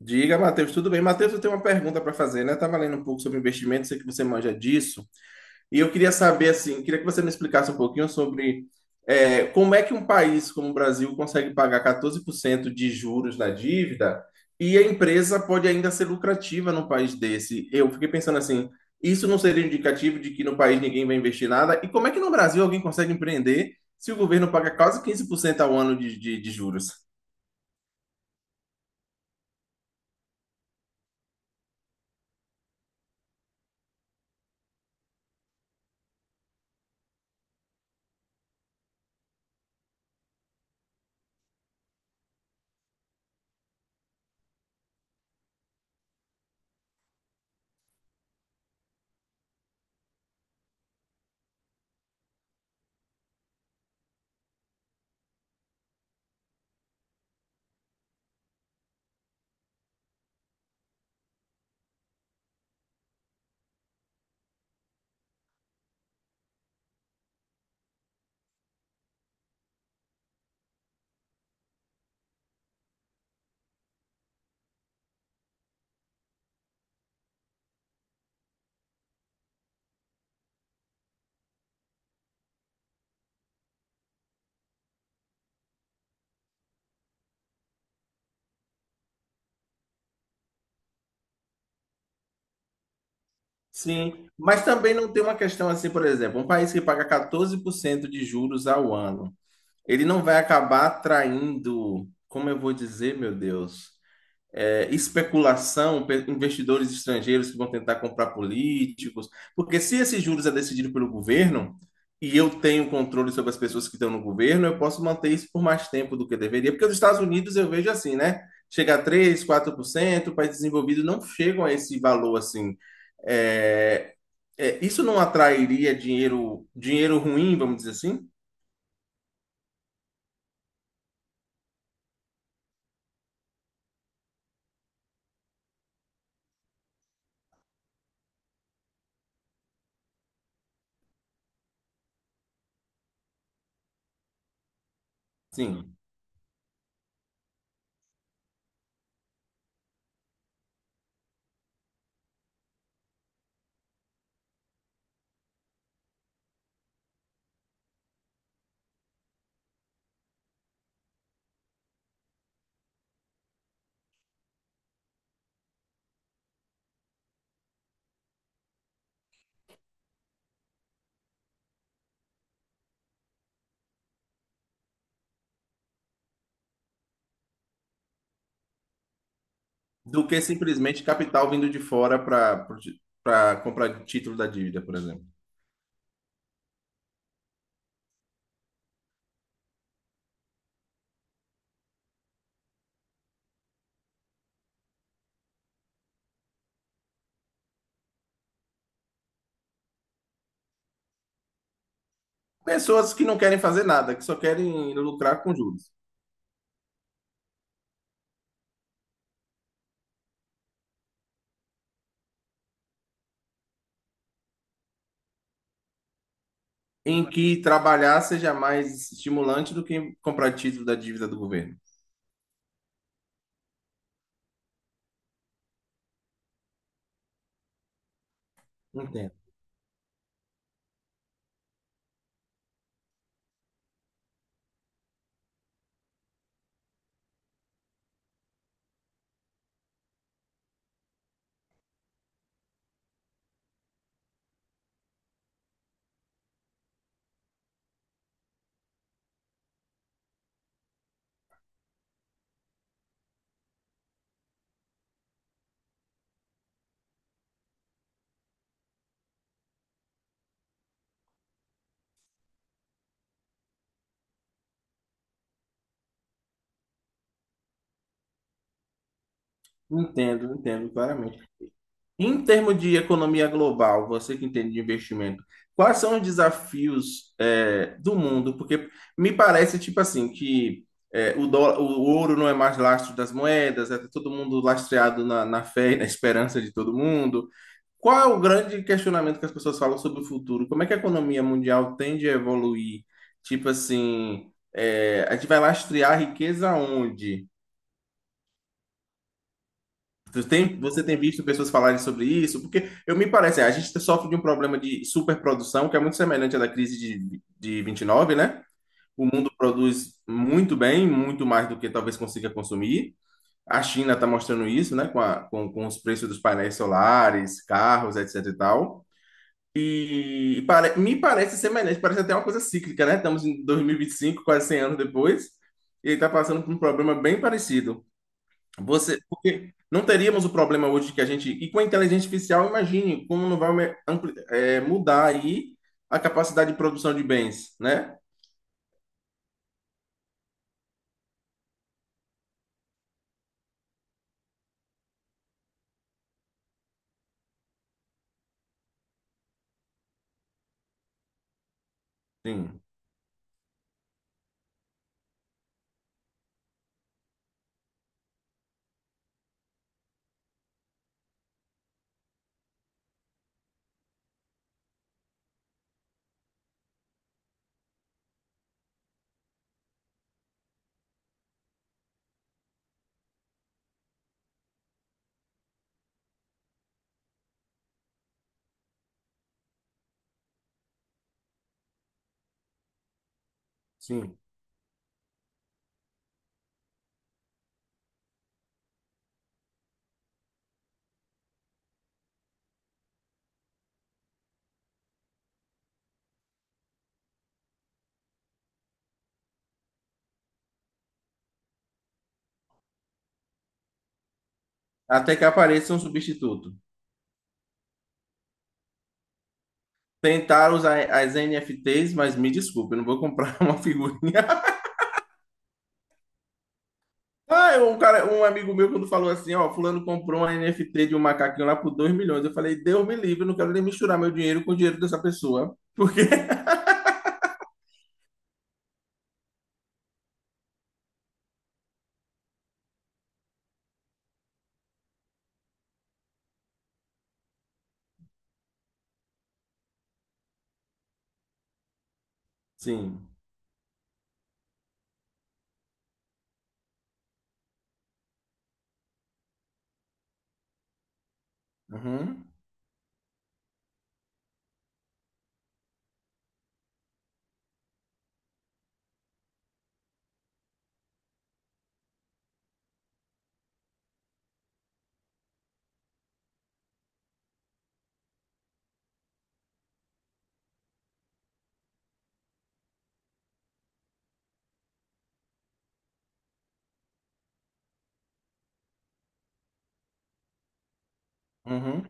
Diga, Matheus, tudo bem? Matheus, eu tenho uma pergunta para fazer, né? Estava lendo um pouco sobre investimento, sei que você manja disso, e eu queria saber, assim, queria que você me explicasse um pouquinho sobre como é que um país como o Brasil consegue pagar 14% de juros na dívida e a empresa pode ainda ser lucrativa num país desse. Eu fiquei pensando assim, isso não seria indicativo de que no país ninguém vai investir nada? E como é que no Brasil alguém consegue empreender se o governo paga quase 15% ao ano de juros? Sim, mas também não tem uma questão assim, por exemplo, um país que paga 14% de juros ao ano, ele não vai acabar atraindo, como eu vou dizer, meu Deus? Especulação, investidores estrangeiros que vão tentar comprar políticos, porque se esses juros é decidido pelo governo e eu tenho controle sobre as pessoas que estão no governo, eu posso manter isso por mais tempo do que deveria, porque os Estados Unidos eu vejo assim, né? Chega a três, quatro por cento, países desenvolvidos não chegam a esse valor assim. É, isso não atrairia dinheiro, dinheiro ruim, vamos dizer assim? Sim. Do que simplesmente capital vindo de fora para comprar título da dívida, por exemplo. Pessoas que não querem fazer nada, que só querem lucrar com juros. Em que trabalhar seja mais estimulante do que comprar título da dívida do governo. Entendo. Entendo, entendo claramente. Em termos de economia global, você que entende de investimento, quais são os desafios do mundo? Porque me parece, tipo assim, que dólar, o ouro não é mais lastro das moedas, é todo mundo lastreado na fé e na esperança de todo mundo. Qual é o grande questionamento que as pessoas falam sobre o futuro? Como é que a economia mundial tende a evoluir? Tipo assim, a gente vai lastrear a riqueza onde? Você tem visto pessoas falarem sobre isso? Porque eu me parece, a gente sofre de um problema de superprodução, que é muito semelhante à da crise de 29, né? O mundo produz muito bem, muito mais do que talvez consiga consumir. A China está mostrando isso, né? Com os preços dos painéis solares, carros, etc e tal. Me parece semelhante, parece até uma coisa cíclica, né? Estamos em 2025, quase 100 anos depois, e ele está passando por um problema bem parecido. Você, porque não teríamos o problema hoje que a gente. E com a inteligência artificial, imagine como não vai mudar aí a capacidade de produção de bens, né? Sim, sim. Até que apareça um substituto. Tentar usar as NFTs, mas me desculpe, eu não vou comprar uma figura. Ah, um cara, um amigo meu quando falou assim, ó, fulano comprou uma NFT de um macaquinho lá por 2 milhões. Eu falei, Deus me livre, eu não quero nem misturar meu dinheiro com o dinheiro dessa pessoa. Porque, sim. Uhum, uhum.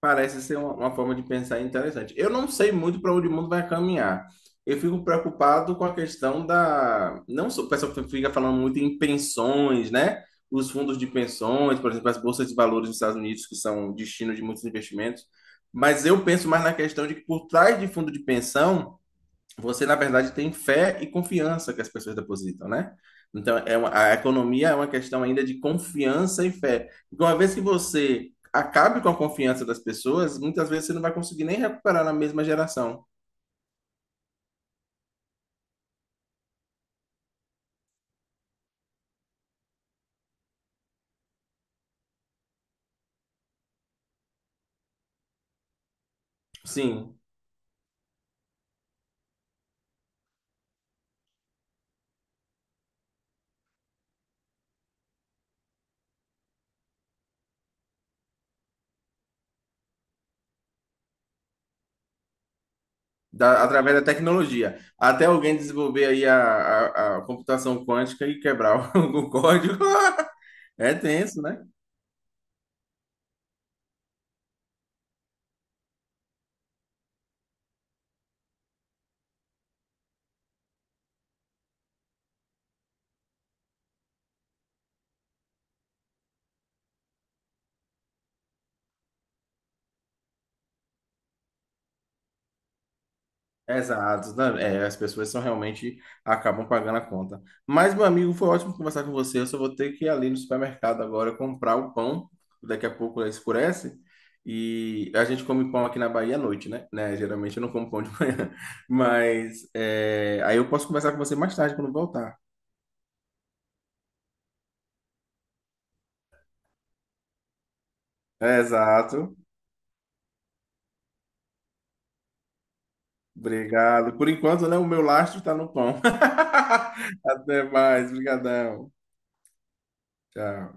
Parece ser uma forma de pensar interessante. Eu não sei muito para onde o mundo vai caminhar. Eu fico preocupado com a questão da. Não só o pessoal fica falando muito em pensões, né? Os fundos de pensões, por exemplo, as bolsas de valores dos Estados Unidos, que são destino de muitos investimentos. Mas eu penso mais na questão de que por trás de fundo de pensão você, na verdade, tem fé e confiança que as pessoas depositam, né? Então, a economia é uma questão ainda de confiança e fé. Porque uma vez que você acabe com a confiança das pessoas, muitas vezes você não vai conseguir nem recuperar na mesma geração. Sim, através da tecnologia. Até alguém desenvolver aí a computação quântica e quebrar o, o código. É tenso, né? Exato, é, as pessoas são realmente acabam pagando a conta. Mas, meu amigo, foi ótimo conversar com você. Eu só vou ter que ir ali no supermercado agora comprar o pão. Daqui a pouco escurece. E a gente come pão aqui na Bahia à noite, né? Geralmente eu não como pão de manhã. Mas é, aí eu posso conversar com você mais tarde quando voltar. Exato. Obrigado. Por enquanto, né? O meu lastro está no pão. Até mais. Obrigadão. Tchau.